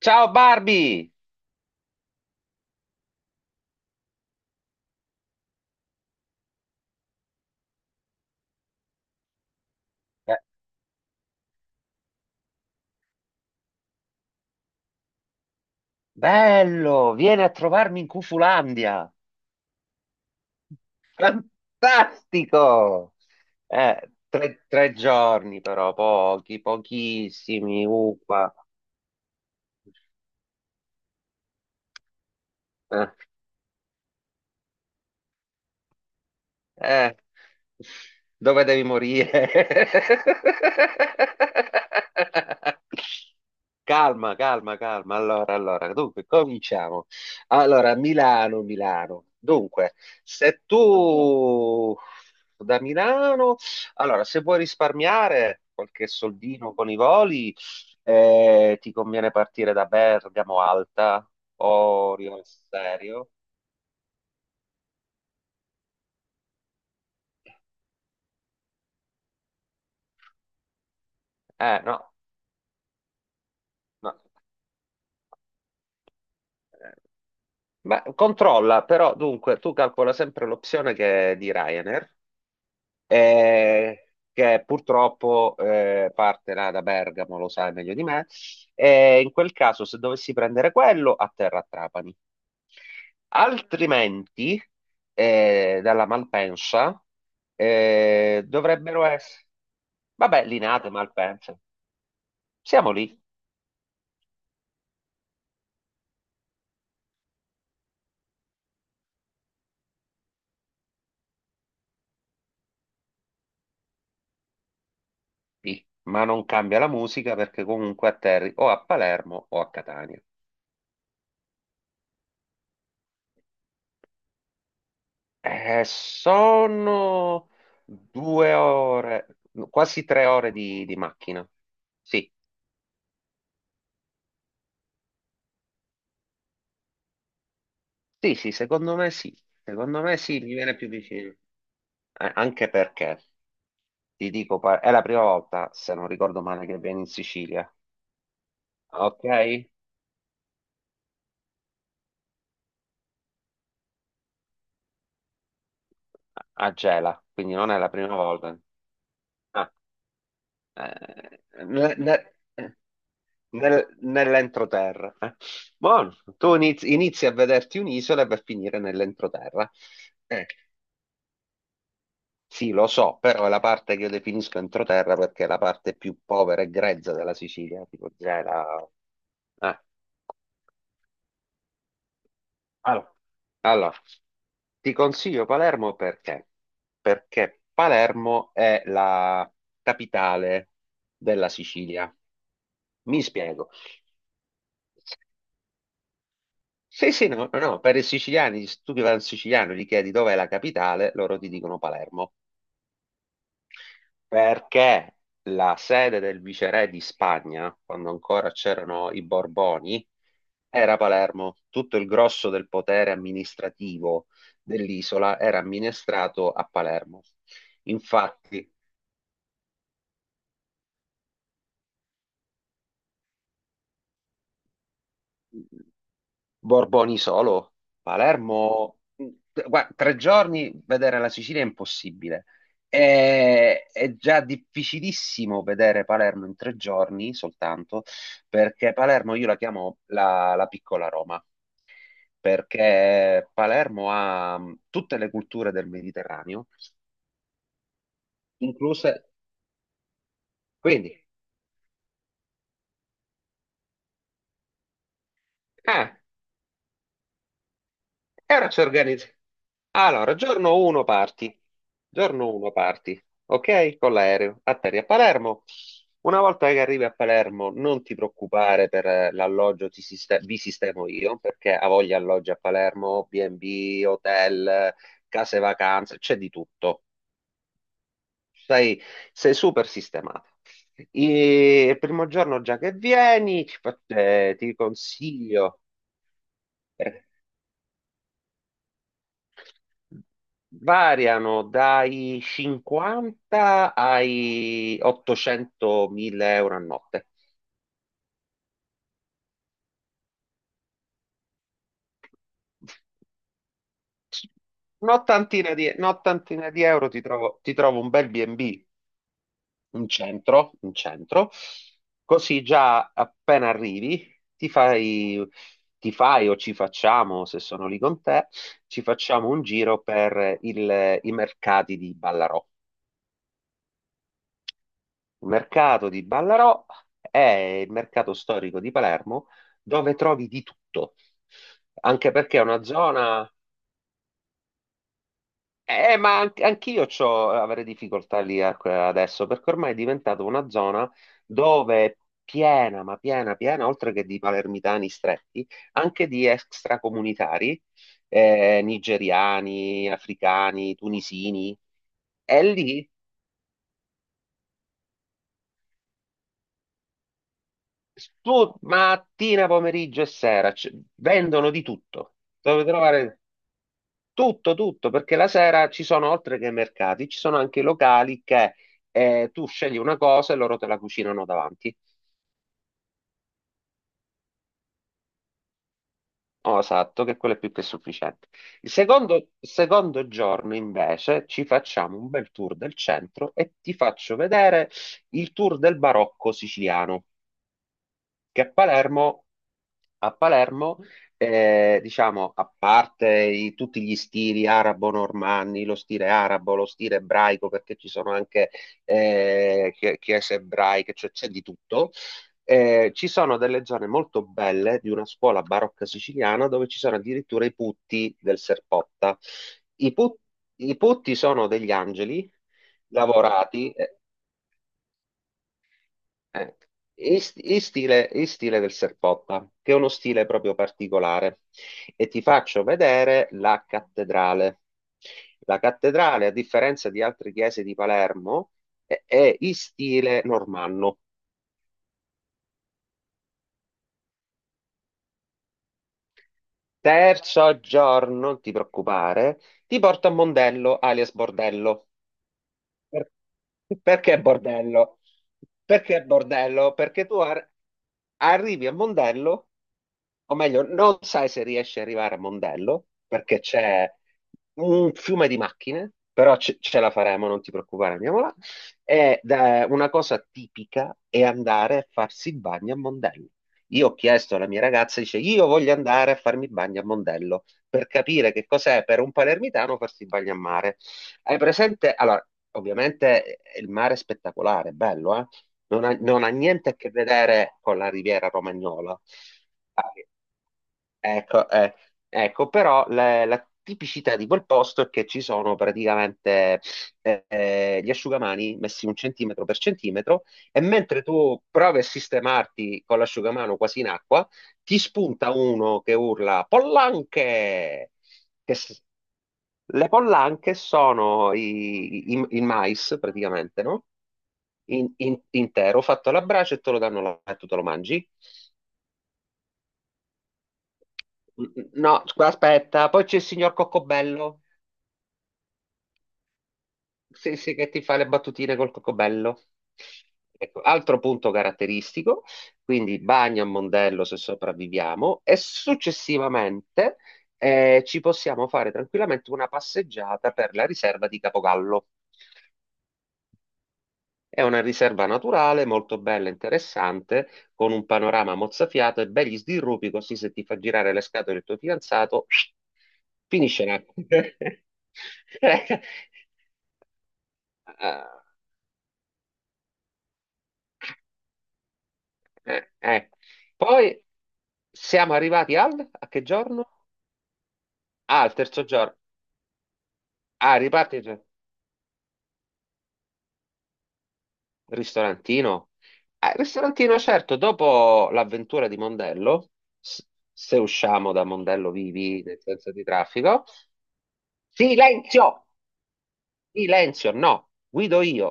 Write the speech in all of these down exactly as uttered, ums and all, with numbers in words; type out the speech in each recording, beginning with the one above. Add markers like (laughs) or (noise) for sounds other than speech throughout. Ciao Barbie! Be- Bello, vieni a trovarmi in Cufulandia. Fantastico! Eh, tre, tre giorni però, pochi, pochissimi, upa. Eh, Dove devi morire? (laughs) Calma, calma, calma. Allora, allora, dunque, cominciamo. Allora, Milano, Milano. Dunque, se tu da Milano, allora, se vuoi risparmiare qualche soldino con i voli, eh, ti conviene partire da Bergamo Alta o Rio Serio? Eh, no, no. eh, Ma controlla, però dunque tu calcola sempre l'opzione che è di Ryanair, eh, che purtroppo eh, parte là da Bergamo, lo sai meglio di me, e in quel caso se dovessi prendere quello, atterra a Trapani. Altrimenti, eh, dalla Malpensa, eh, dovrebbero essere... Vabbè, Linate, Malpensa, siamo lì, lì, ma non cambia la musica perché comunque atterri o a Palermo o a Catania. Eh, sono due ore, quasi tre ore di, di macchina. Sì, sì, sì, secondo me sì. Secondo me sì, mi viene più vicino. Eh, anche perché, ti dico, pa- è la prima volta, se non ricordo male, che vieni in Sicilia. Ok? A Gela, quindi non è la prima volta. Ah, eh, ne- ne- eh, nel- nell'entroterra. eh. Buono, tu inizi, inizi a vederti un'isola e per finire nell'entroterra. Eh, Sì, lo so, però è la parte che io definisco entroterra perché è la parte più povera e grezza della Sicilia, tipo Gela. Eh. Allora, Allora, ti consiglio Palermo perché? Perché Palermo è la capitale della Sicilia. Mi spiego. Sì, sì, no, no, per i siciliani, se tu che vai al siciliano e gli chiedi dov'è la capitale, loro ti dicono Palermo. Perché la sede del viceré di Spagna, quando ancora c'erano i Borboni, era a Palermo. Tutto il grosso del potere amministrativo dell'isola era amministrato a Palermo. Infatti, Borboni solo, Palermo, guarda, tre giorni vedere la Sicilia è impossibile. È, è già difficilissimo vedere Palermo in tre giorni soltanto, perché Palermo io la chiamo la, la piccola Roma, perché Palermo ha mh, tutte le culture del Mediterraneo, incluse... Quindi, eh, e ora ci organizziamo. Allora, giorno uno parti. Giorno uno parti, ok? Con l'aereo. Atterri a Palermo. Una volta che arrivi a Palermo, non ti preoccupare per eh, l'alloggio, ti siste- vi sistemo io, perché ha voglia alloggi a Palermo, bi e bi, hotel, eh, case vacanze, c'è di tutto. Sei, sei super sistemato. E il primo giorno già che vieni, ti, fa- eh, ti consiglio. Variano dai cinquanta ai ottocentomila euro a notte. Un'ottantina di, un'ottantina di euro ti trovo, ti trovo un bel bi e bi, un centro, un centro, così già appena arrivi ti fai, ti fai o ci facciamo, se sono lì con te, ci facciamo un giro per il- i mercati di Ballarò. Il mercato di Ballarò è il mercato storico di Palermo dove trovi di tutto, anche perché è una zona... Eh, ma an- anch'io c'ho, avrei difficoltà lì a- adesso, perché ormai è diventata una zona dove è piena, ma piena, piena, oltre che di palermitani stretti, anche di extracomunitari, eh, nigeriani, africani, tunisini. E lì. Tu mattina, pomeriggio e sera c- vendono di tutto. Dovete trovare tutto, tutto, perché la sera ci sono, oltre che mercati, ci sono anche locali che eh, tu scegli una cosa e loro te la cucinano davanti. Oh, esatto, che quello è più che sufficiente. Il secondo, secondo giorno, invece, ci facciamo un bel tour del centro e ti faccio vedere il tour del barocco siciliano. Che a Palermo, a Palermo eh, diciamo, a parte i- tutti gli stili arabo-normanni, lo stile arabo, lo stile ebraico, perché ci sono anche eh, chie- chiese ebraiche, cioè c'è di tutto. Eh, ci sono delle zone molto belle di una scuola barocca siciliana dove ci sono addirittura i putti del Serpotta. I, put- I putti sono degli angeli lavorati. eh, eh, in, st- in stile, in stile del Serpotta, che è uno stile proprio particolare. E ti faccio vedere la cattedrale. La cattedrale, a differenza di altre chiese di Palermo, è, è in stile normanno. Terzo giorno, non ti preoccupare, ti porto a Mondello, alias Bordello. Per- Perché bordello? Perché bordello? Perché tu ar- arrivi a Mondello, o meglio, non sai se riesci ad arrivare a Mondello, perché c'è un fiume di macchine, però ce, ce la faremo, non ti preoccupare, andiamo là. Ed è una cosa tipica è andare a farsi il bagno a Mondello. Io ho chiesto alla mia ragazza, dice, io voglio andare a farmi il bagno a Mondello, per capire che cos'è per un palermitano farsi il bagno a mare. Hai presente? Allora, ovviamente eh, il mare è spettacolare, è bello, eh? Non ha, non ha niente a che vedere con la Riviera Romagnola. Ah. Ecco, eh, ecco, però la, la tipicità di quel posto è che ci sono praticamente eh, eh, gli asciugamani messi un centimetro per centimetro e mentre tu provi a sistemarti con l'asciugamano quasi in acqua, ti spunta uno che urla Pollanche! Che s- le pollanche sono i- i- il mais praticamente, no? In- in- intero, fatto alla brace e te lo danno là e tu te lo mangi. No, scusa, aspetta, poi c'è il signor Coccobello. Sì, sì, che ti fa le battutine col Coccobello. Ecco, altro punto caratteristico, quindi bagno a Mondello se sopravviviamo e successivamente eh, ci possiamo fare tranquillamente una passeggiata per la riserva di Capogallo. È una riserva naturale molto bella e interessante, con un panorama mozzafiato e begli sdirrupi, così se ti fa girare le scatole il tuo fidanzato, (sniffs) finisce là. (laughs) Ah, eh, eh. Poi siamo arrivati al, a che giorno? Ah, al terzo giorno. Ah, riparti il ristorantino. Ah, il ristorantino, certo, dopo l'avventura di Mondello, s- se usciamo da Mondello vivi, nel senso di traffico. Silenzio! Silenzio, no, guido io.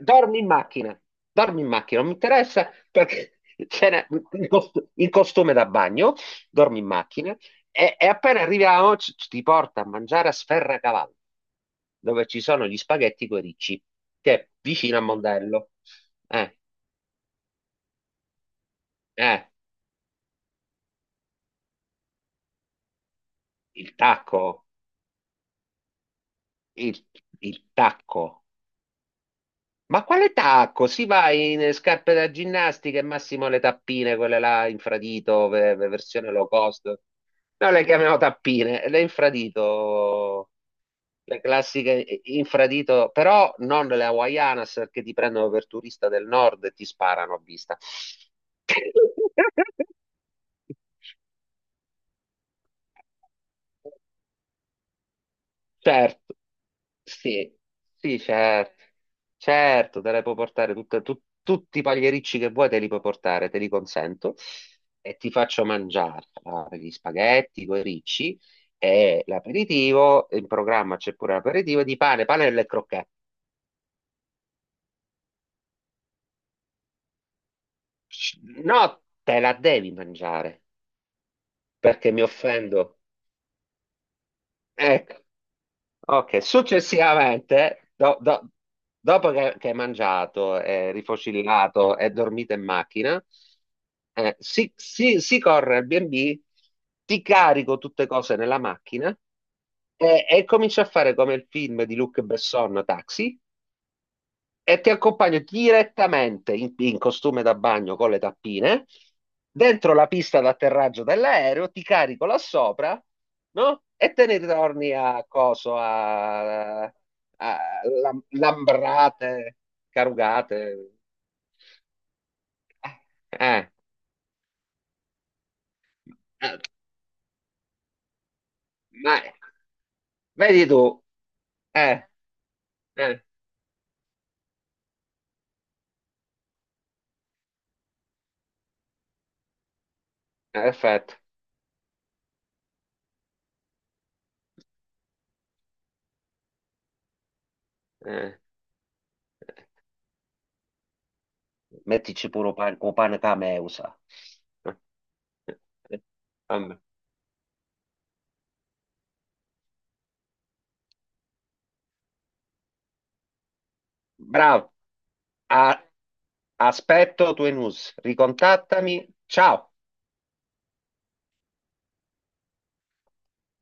Dormi in macchina, dormi in macchina, non mi interessa perché c'era il, cost- il costume da bagno, dormi in macchina e, e appena arriviamo ci- ci- ti porta a mangiare a Sferracavallo, dove ci sono gli spaghetti coi ricci, che è vicino a Mondello. Eh, eh, il tacco, il il tacco. Ma quale tacco? Si va in eh, scarpe da ginnastica e massimo le tappine, quelle là infradito, ve- ve- versione low cost. Noi le chiamiamo tappine, le infradito, le classiche eh, infradito, però non le Hawaianas perché ti prendono per turista del nord e ti sparano a vista. (laughs) Certo. Sì, sì, certo, certo, te le puoi portare tutte- tu- tutti i pagliericci che vuoi, te li puoi portare, te li consento e ti faccio mangiare allora, gli spaghetti, coi ricci e l'aperitivo, in programma c'è pure l'aperitivo di pane, panelle e crocchette. No, te la devi mangiare perché mi offendo. Ecco. Ok, successivamente, do- do- dopo che, che hai mangiato, è rifocillato e dormito in macchina, eh, si, si- si corre al bi e bi, ti carico tutte cose nella macchina e, e comincio a fare come il film di Luc Besson, Taxi, e ti accompagno direttamente in, in costume da bagno con le tappine dentro la pista d'atterraggio dell'aereo, ti carico là sopra, no? E te ne ritorni a coso, a, a Lam- Lambrate, Carugate. Eh, eh, ma- Vedi tu, eh, eh, perfetto. Eh, Mettici pure un pane, un pane cameusa. Eh, eh, eh, Vabbè. Bravo. A- Aspetto tue news, ricontattami. Ciao!